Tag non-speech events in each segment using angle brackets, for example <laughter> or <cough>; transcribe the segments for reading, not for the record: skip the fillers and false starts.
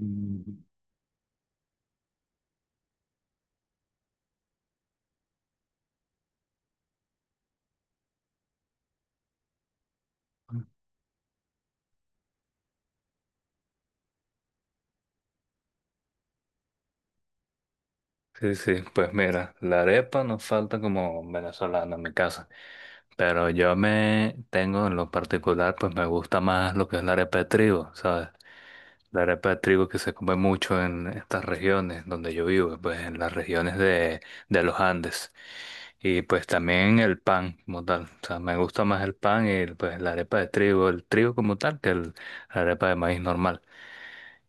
Mm. Sí, sí, pues mira, la arepa nos falta como venezolana en mi casa, pero yo me tengo en lo particular, pues me gusta más lo que, ¿sabes? La arepa mucho en estas regiones donde yo vivo, pues en las regiones de los Andes, y pues el pan como tal, ¿sabes? El pan de trigo, el trigo como tal, que el, la arepa de maíz normal.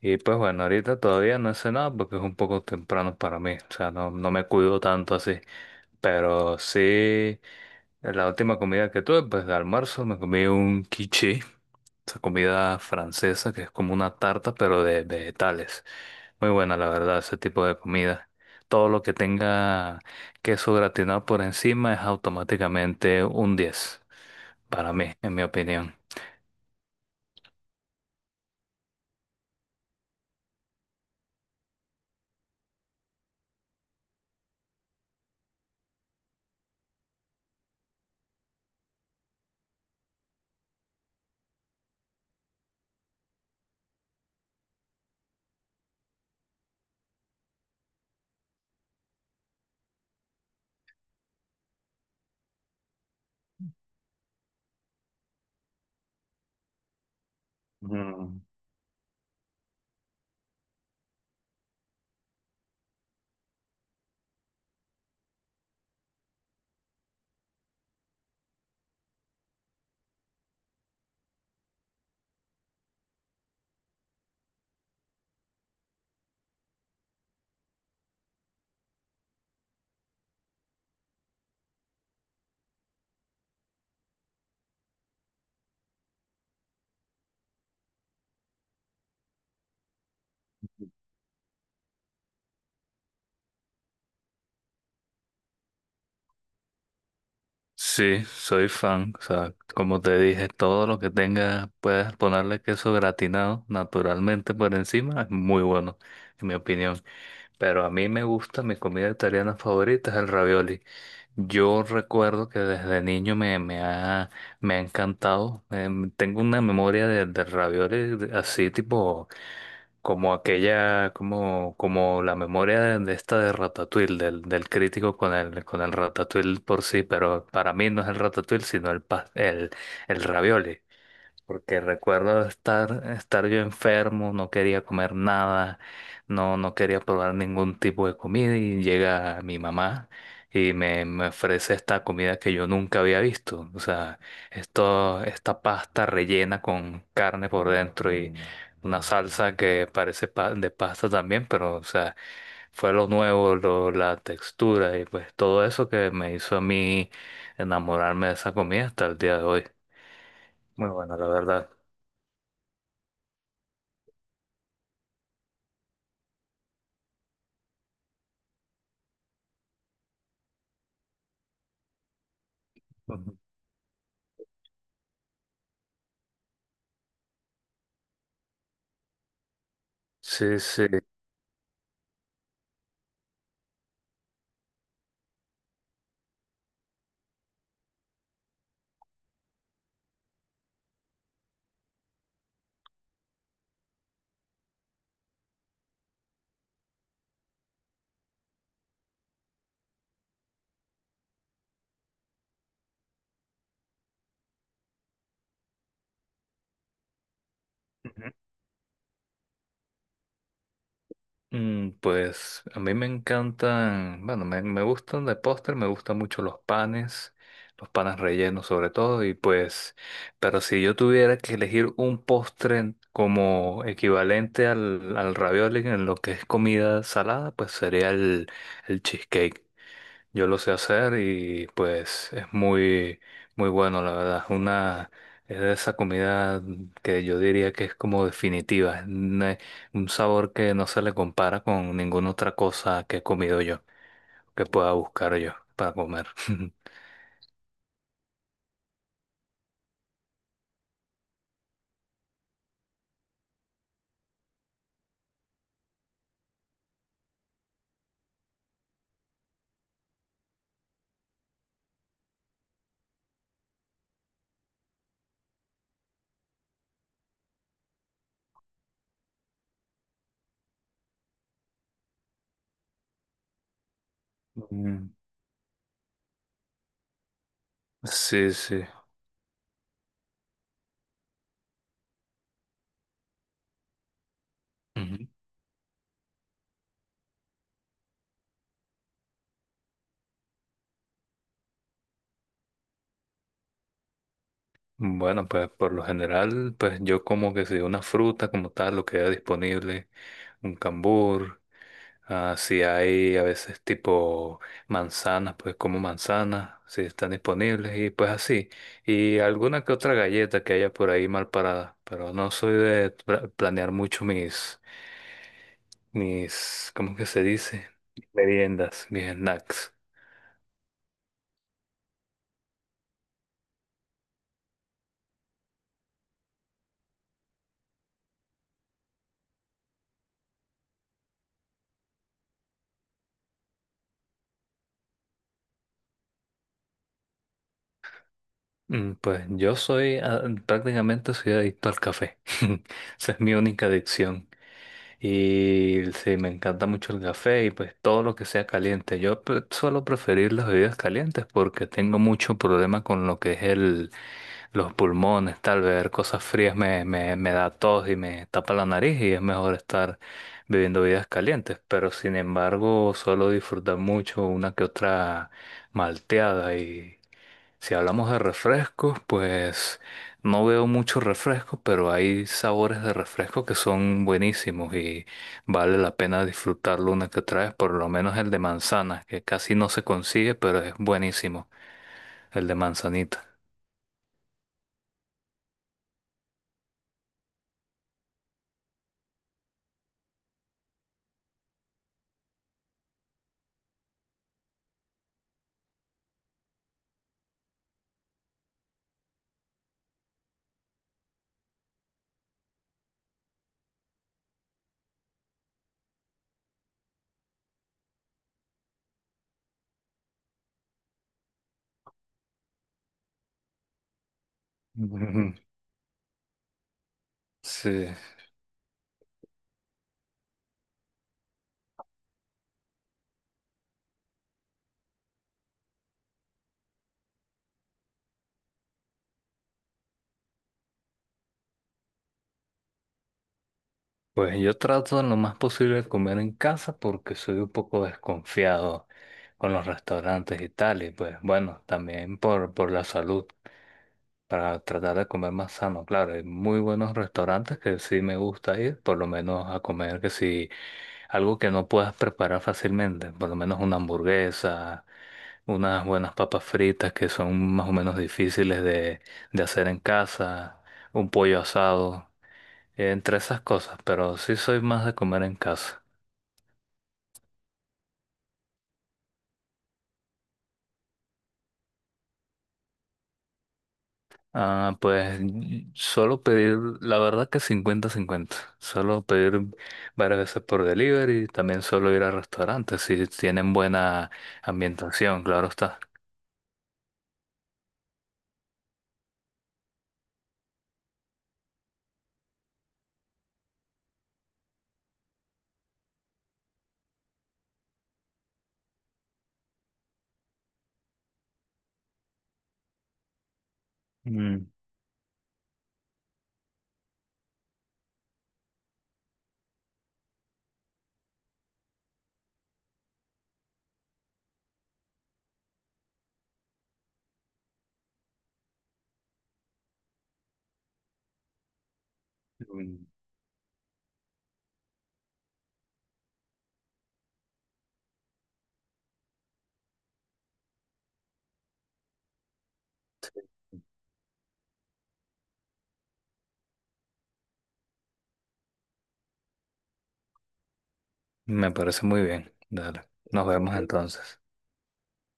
Y pues bueno, ahorita todavía no he cenado porque es un poco temprano para mí, o sea, no, no me cuido tanto así, pero sí. La última comida que tuve, pues de almuerzo, me comí un quiche, esa comida francesa que es como una tarta, pero de vegetales. Muy buena, la verdad, ese tipo de comida. Todo lo que tenga queso gratinado por encima es automáticamente un 10 para mí, en mi opinión. Mm. Sí, soy fan. O sea, como te dije, todo lo que tenga, puedes ponerle queso gratinado naturalmente por encima, es muy bueno, en mi opinión. Pero a mí me gusta, mi comida italiana favorita es el ravioli. Yo recuerdo que desde niño me ha encantado. Tengo una memoria de ravioli así tipo como aquella, como, como la memoria de esta de Ratatouille, del crítico con el Ratatouille por sí, pero para mí no es el Ratatouille, sino el ravioli. Porque recuerdo estar yo enfermo, no quería comer nada, no, no quería probar ningún tipo de comida y llega mi mamá y me ofrece esta comida que yo nunca había visto. O sea, esto, esta pasta rellena con carne por dentro y una salsa que parece de pasta también, pero o sea, fue lo nuevo, la textura y pues todo eso que me hizo a mí enamorarme de esa comida hasta el día de hoy. Muy bueno, la verdad. Sí, sí. Ujú. Pues a mí me encantan, bueno, me gustan de postre, me gustan mucho los panes rellenos sobre todo, y pues, pero si yo tuviera que elegir un postre como equivalente al ravioli en lo que es comida salada, pues sería el cheesecake. Yo lo sé hacer y pues es muy, muy bueno, la verdad. Una es de esa comida que yo diría que es como definitiva, un sabor que no se le compara con ninguna otra cosa que he comido yo, que pueda buscar yo para comer. <laughs> Mm. Sí, sí. Ujú. Bueno, pues por lo general, pues yo como que si una fruta como tal, lo que haya disponible, un cambur. Ah, si hay a veces tipo manzanas, pues como manzanas, si están disponibles y pues así. Y alguna que otra galleta que haya por ahí mal parada, pero no soy de planear mucho mis, ¿cómo que se dice? Meriendas, mis snacks. Pues yo soy, prácticamente soy adicto al café. <laughs> Esa es mi única adicción. Y sí, me encanta mucho el café y pues todo lo que sea caliente. Yo suelo preferir las bebidas calientes porque tengo mucho problema con lo que es el, los pulmones, tal vez cosas frías me da tos y me tapa la nariz y es mejor estar bebiendo bebidas calientes. Pero sin embargo, suelo disfrutar mucho una que otra malteada y si hablamos de refrescos, pues no veo muchos refrescos, pero hay sabores de refresco que son buenísimos y vale la pena disfrutarlo una que otra vez, por lo menos el de manzana, que casi no se consigue, pero es buenísimo, el de manzanita. Ujú. <laughs> Sí, pues yo trato en lo más posible de comer en casa porque soy un poco desconfiado con los restaurantes y tal, y pues bueno, también por la salud. Para tratar de comer más sano. Claro, hay muy buenos restaurantes que sí me gusta ir, por lo menos a comer que si algo que no puedas preparar fácilmente, por lo menos una hamburguesa, unas buenas papas fritas que son más o menos difíciles de hacer en casa, un pollo asado, entre esas cosas, pero sí soy más de comer en casa. Ah, pues solo pedir, la verdad que 50/50. Solo pedir varias veces por delivery, también solo ir a restaurantes si tienen buena ambientación, claro está. Mm, mm, Me parece muy bien. Dale, nos vemos entonces.